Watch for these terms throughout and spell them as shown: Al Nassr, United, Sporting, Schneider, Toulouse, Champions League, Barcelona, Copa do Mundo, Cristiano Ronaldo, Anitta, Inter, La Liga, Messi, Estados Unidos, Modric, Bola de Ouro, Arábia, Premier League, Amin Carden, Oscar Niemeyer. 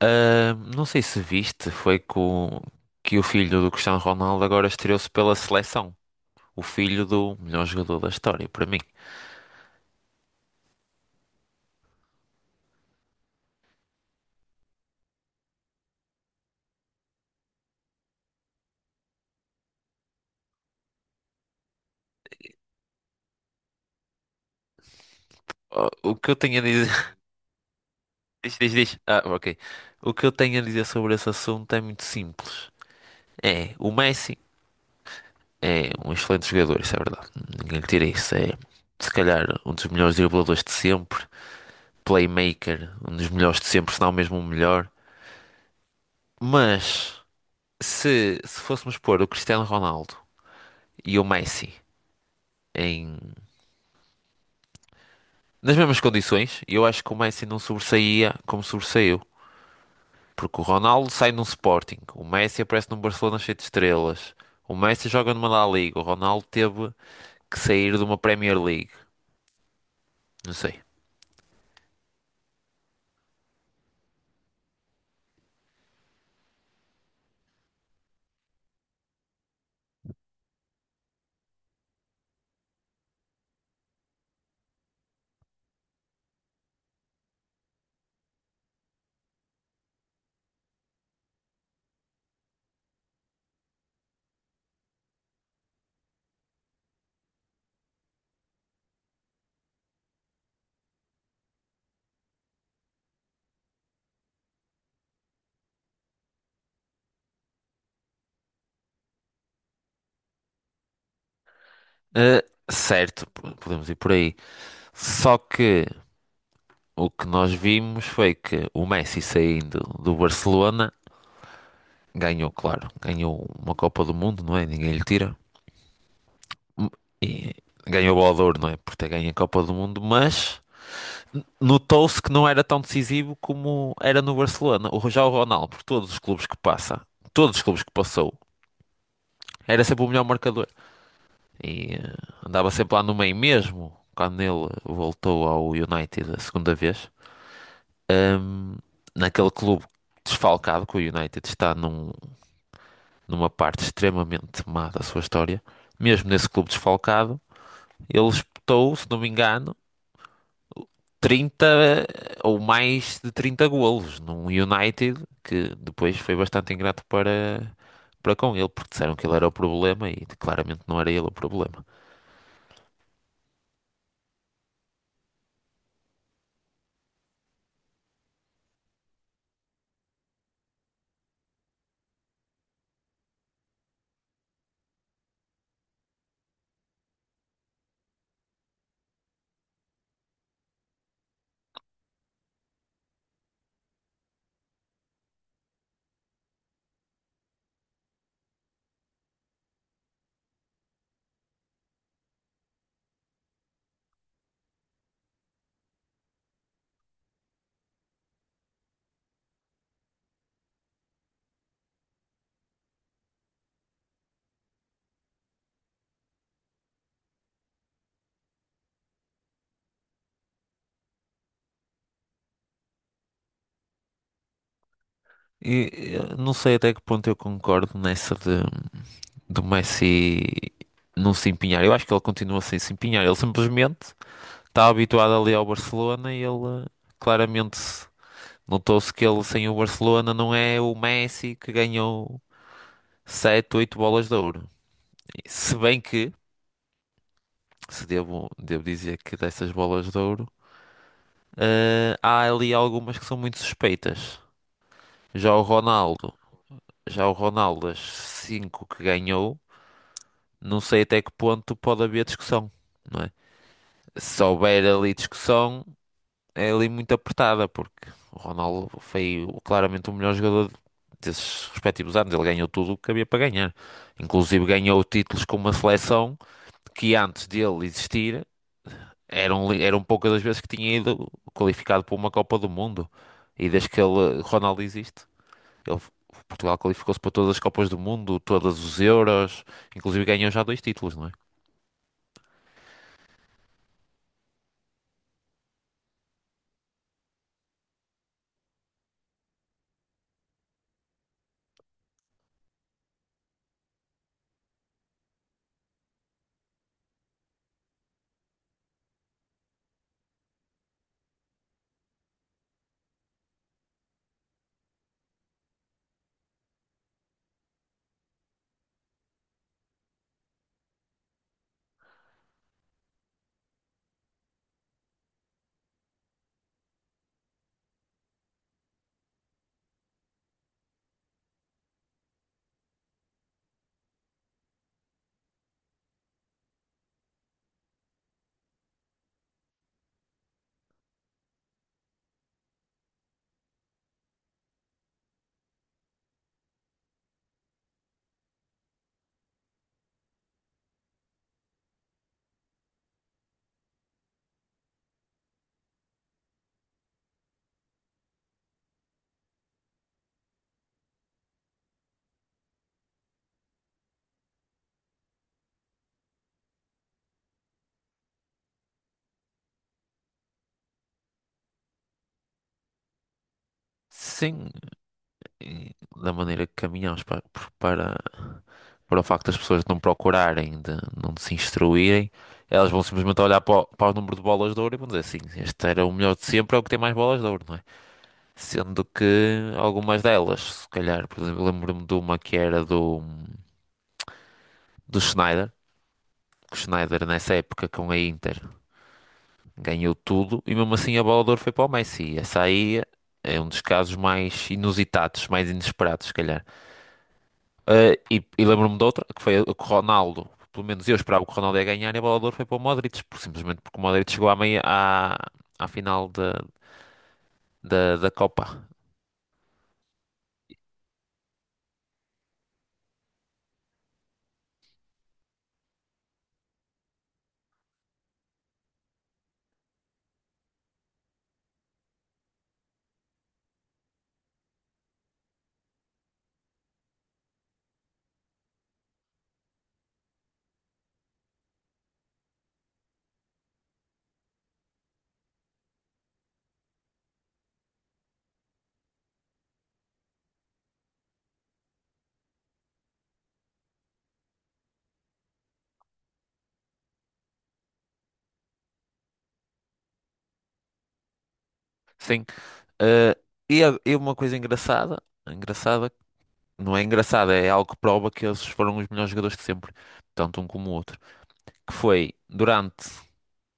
Ah, não sei se viste, foi com que o filho do Cristiano Ronaldo agora estreou-se pela seleção. O filho do melhor jogador da história, para mim. Ah, o que eu tenho a dizer. Diz, diz, diz. Ah, ok. O que eu tenho a dizer sobre esse assunto é muito simples. É, o Messi é um excelente jogador, isso é verdade. Ninguém lhe tira isso. É, se calhar, um dos melhores dribladores de sempre. Playmaker, um dos melhores de sempre, se não mesmo o melhor. Mas, se fôssemos pôr o Cristiano Ronaldo e o Messi, em nas mesmas condições, e eu acho que o Messi não sobressaía como sobressaiu. Porque o Ronaldo sai num Sporting, o Messi aparece num Barcelona cheio de estrelas, o Messi joga numa La Liga, o Ronaldo teve que sair de uma Premier League, não sei. Ah, certo, podemos ir por aí. Só que o que nós vimos foi que o Messi, saindo do Barcelona, ganhou, claro, ganhou uma Copa do Mundo, não é? Ninguém lhe tira. E ganhou o Bola de Ouro, não é? Por ter ganho a Copa do Mundo, mas no Toulouse que não era tão decisivo como era no Barcelona. O Já o Ronaldo, por todos os clubes que passa, todos os clubes que passou, era sempre o melhor marcador. E andava sempre lá no meio mesmo, quando ele voltou ao United a segunda vez. ahm, naquele clube desfalcado que o United está, numa parte extremamente má da sua história. Mesmo nesse clube desfalcado, ele espetou, se não me engano, 30 ou mais de 30 golos num United que depois foi bastante ingrato para, para com ele, porque disseram que ele era o problema e claramente não era ele o problema. E eu não sei até que ponto eu concordo nessa de do Messi não se empenhar. Eu acho que ele continua sem se empenhar. Ele simplesmente está habituado ali ao Barcelona, e ele claramente notou-se que ele sem o Barcelona não é o Messi que ganhou 7 8 bolas de ouro. Se bem que se devo dizer que, dessas bolas de ouro, há ali algumas que são muito suspeitas. Já o Ronaldo, já o Ronaldo, das 5 que ganhou, não sei até que ponto pode haver discussão, não é? Se houver ali discussão, é ali muito apertada, porque o Ronaldo foi claramente o melhor jogador desses respectivos anos. Ele ganhou tudo o que havia para ganhar. Inclusive ganhou títulos com uma seleção que, antes dele existir, eram poucas as vezes que tinha ido qualificado para uma Copa do Mundo. E desde que ele, Ronaldo, existe, ele, Portugal qualificou-se para todas as Copas do Mundo, todos os Euros, inclusive ganhou já dois títulos, não é? Sim, e da maneira que caminhamos para, para o facto das pessoas não procurarem, de não se instruírem, elas vão simplesmente olhar para o número de bolas de ouro e vão dizer assim: este era o melhor de sempre, é o que tem mais bolas de ouro, não é? Sendo que algumas delas, se calhar, por exemplo, lembro-me de uma que era do Schneider, que o Schneider, nessa época, com a Inter, ganhou tudo e mesmo assim a bola de ouro foi para o Messi. E essa aí é um dos casos mais inusitados, mais inesperados, se calhar. E lembro-me de outra, que foi a que o Ronaldo, pelo menos eu, esperava que o Ronaldo ia ganhar, e a bola de ouro foi para o Modric, simplesmente porque o Modric chegou à meia, à final da Copa. Sim. Eh, e uma coisa engraçada, engraçada, não é engraçada, é algo que prova que eles foram os melhores jogadores de sempre, tanto um como o outro. Que foi durante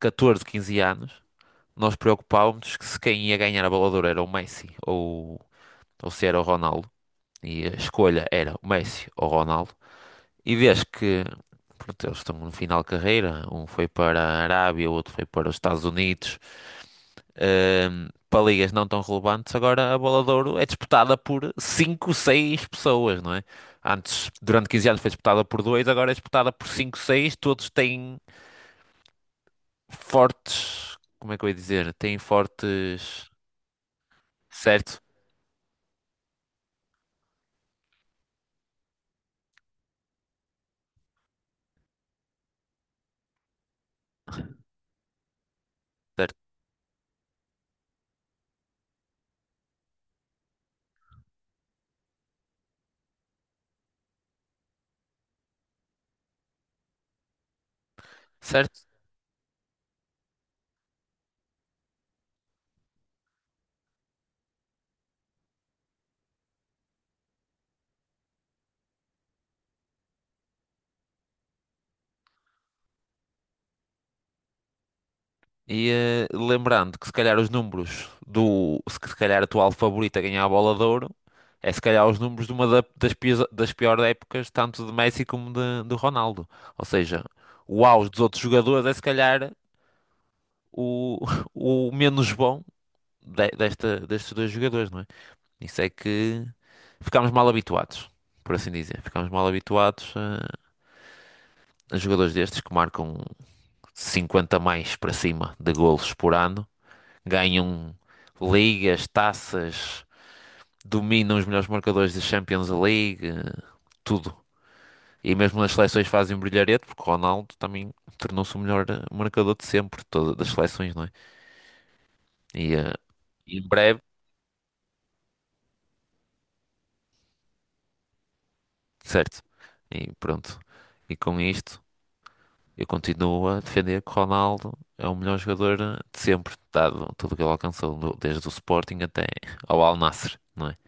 14, 15 anos, nós preocupávamos que se quem ia ganhar a bola de Ouro era o Messi ou, se era o Ronaldo. E a escolha era o Messi ou o Ronaldo. E vês que, pronto, eles estão no final de carreira, um foi para a Arábia, o outro foi para os Estados Unidos, para ligas não tão relevantes. Agora a bola de Ouro é disputada por 5, 6 pessoas, não é? Antes, durante 15 anos, foi disputada por dois, agora é disputada por 5, seis. Todos têm fortes, como é que eu ia dizer? Têm fortes, certo, certo, certo. E lembrando que, se calhar, os números do, se calhar a tua favorita a ganhar a bola de ouro, é se calhar os números de uma das piores épocas, tanto de Messi como do Ronaldo. Ou seja, o auge dos outros jogadores é se calhar o, o menos bom destes dois jogadores, não é? Isso é que ficámos mal habituados, por assim dizer. Ficámos mal habituados. Jogadores destes que marcam 50 mais para cima de golos por ano, ganham ligas, taças, dominam os melhores marcadores da Champions League, tudo. E mesmo nas seleções fazem brilharete, porque o Ronaldo também tornou-se o melhor marcador de sempre, de todas as seleções, não é? E em breve, certo. E pronto. E com isto, eu continuo a defender que Ronaldo é o melhor jogador de sempre, dado tudo o que ele alcançou, desde o Sporting até ao Al Nassr, não é?